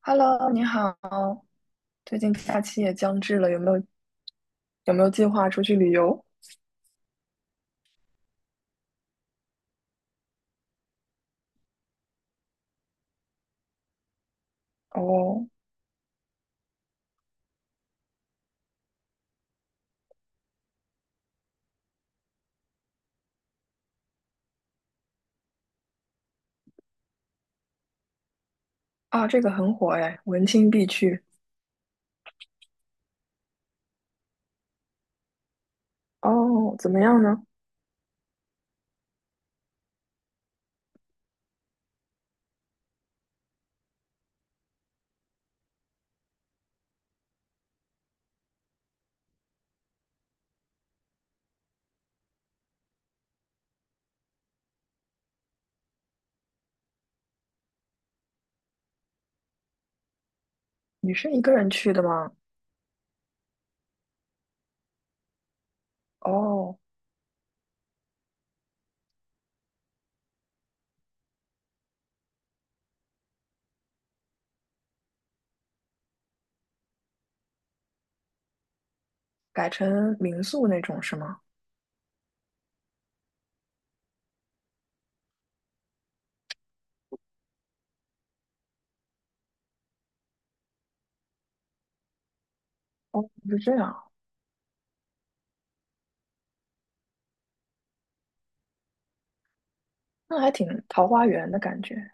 Hello，你好，最近假期也将至了，有没有计划出去旅游？哦，啊，这个很火哎，文青必去。哦，怎么样呢？你是一个人去的吗？哦，改成民宿那种是吗？是这样，那还挺桃花源的感觉。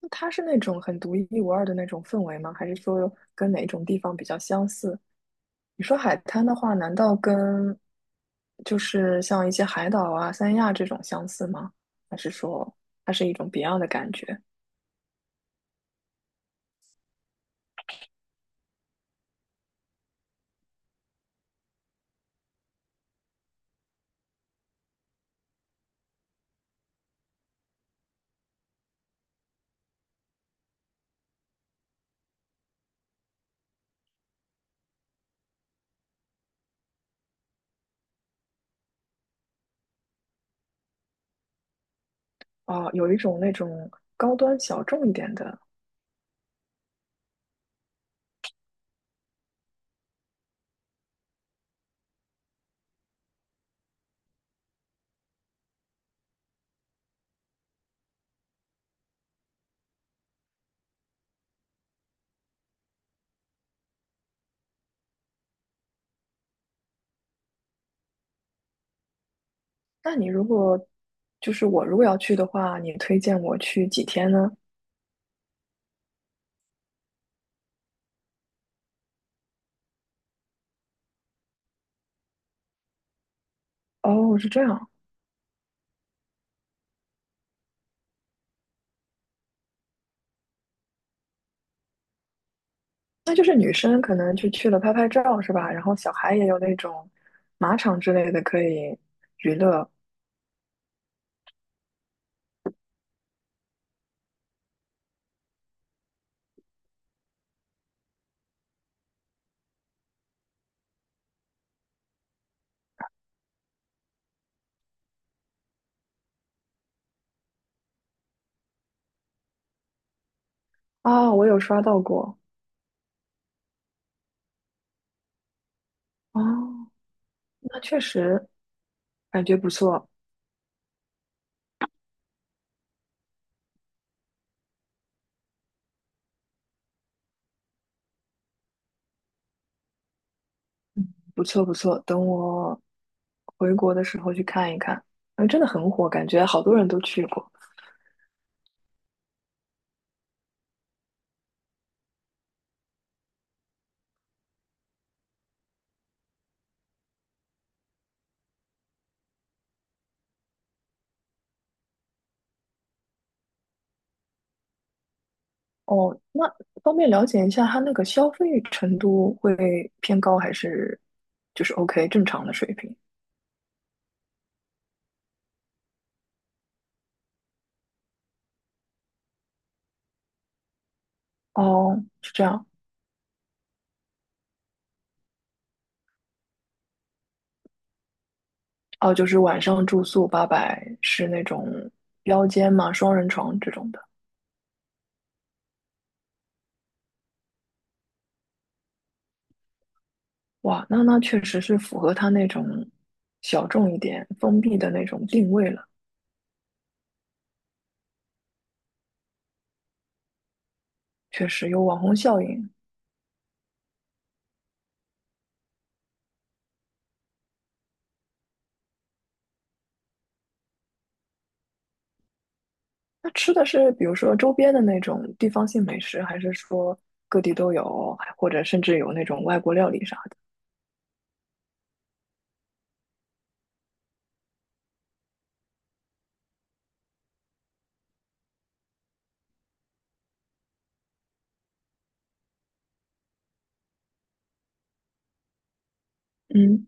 那它是那种很独一无二的那种氛围吗？还是说跟哪种地方比较相似？你说海滩的话，难道跟就是像一些海岛啊、三亚这种相似吗？还是说它是一种别样的感觉？哦，有一种那种高端小众一点的。那你如果就是我如果要去的话，你推荐我去几天呢？哦，是这样，那就是女生可能就去了拍拍照是吧？然后小孩也有那种马场之类的可以娱乐啊，我有刷到过。哦，那确实感觉不错。不错不错，等我回国的时候去看一看。嗯，真的很火，感觉好多人都去过。哦，那方便了解一下，它那个消费程度会偏高还是就是 OK 正常的水平？哦，是这样。哦，就是晚上住宿800是那种标间嘛，双人床这种的。哇，那那确实是符合他那种小众一点、封闭的那种定位了，确实有网红效应。那吃的是比如说周边的那种地方性美食，还是说各地都有，还或者甚至有那种外国料理啥的？嗯，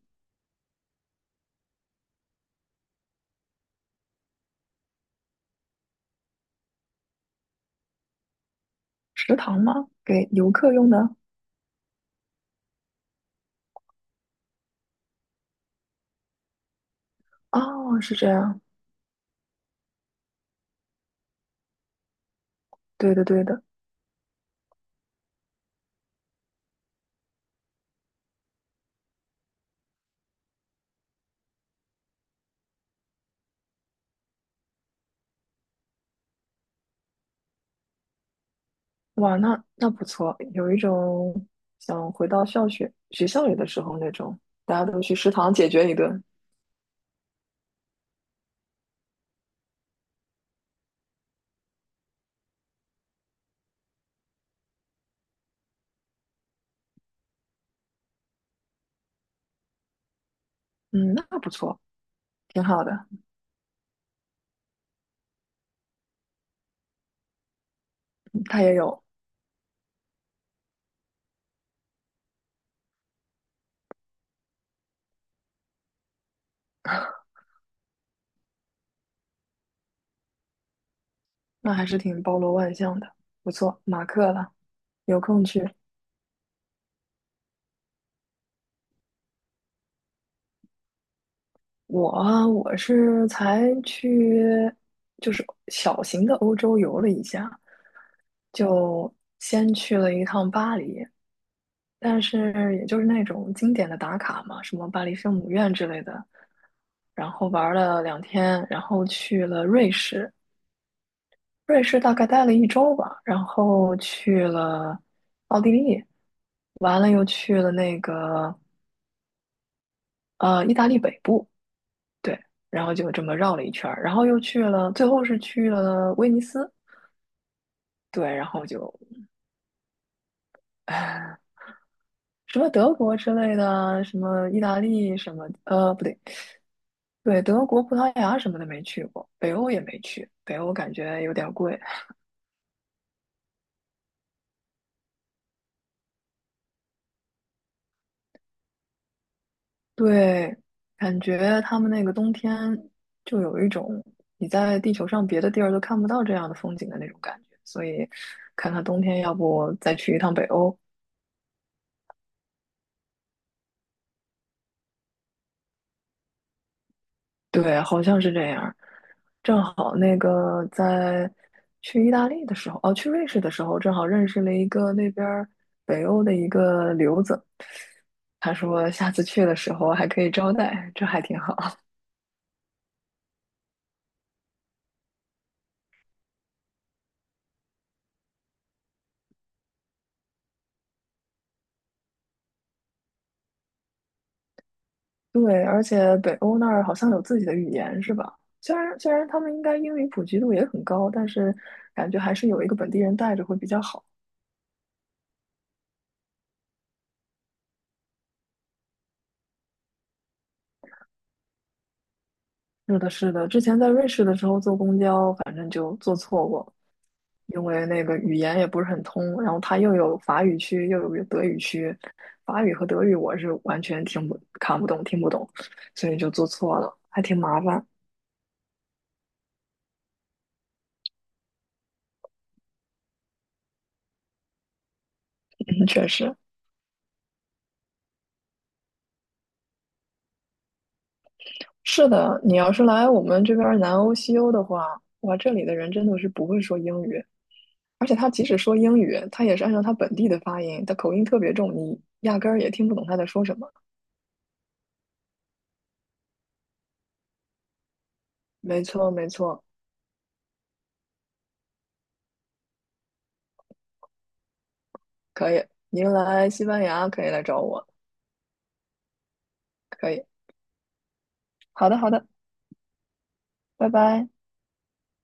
食堂吗？给游客用的？哦，是这样。对的，对的。哇，那那不错，有一种想回到学校里的时候那种，大家都去食堂解决一顿。嗯，那不错，挺好的。他也有，那还是挺包罗万象的，不错。马克了，有空去。我啊，我是才去，就是小型的欧洲游了一下，就先去了一趟巴黎，但是也就是那种经典的打卡嘛，什么巴黎圣母院之类的，然后玩了两天，然后去了瑞士，瑞士大概待了一周吧，然后去了奥地利，完了又去了那个意大利北部。对，然后就这么绕了一圈儿，然后又去了，最后是去了威尼斯，对，然后就，唉什么德国之类的啊，什么意大利什么，不对，对，德国、葡萄牙什么的没去过，北欧也没去，北欧感觉有点贵，对，感觉他们那个冬天就有一种你在地球上别的地儿都看不到这样的风景的那种感觉，所以看看冬天要不再去一趟北欧，对，好像是这样。正好那个在去意大利的时候，哦，去瑞士的时候，正好认识了一个那边儿北欧的一个留子。他说下次去的时候还可以招待，这还挺好。对，而且北欧那儿好像有自己的语言，是吧？虽然他们应该英语普及度也很高，但是感觉还是有一个本地人带着会比较好。是的，是的，之前在瑞士的时候坐公交，反正就坐错过，因为那个语言也不是很通，然后它又有法语区，又有德语区，法语和德语我是完全听不看不懂、听不懂，所以就坐错了，还挺麻烦。嗯，确实是的。你要是来我们这边儿南欧、西欧的话，哇，这里的人真的是不会说英语，而且他即使说英语，他也是按照他本地的发音，他口音特别重，你压根儿也听不懂他在说什么。没错，没错。可以，您来西班牙可以来找我，可以。好的，好的，拜拜。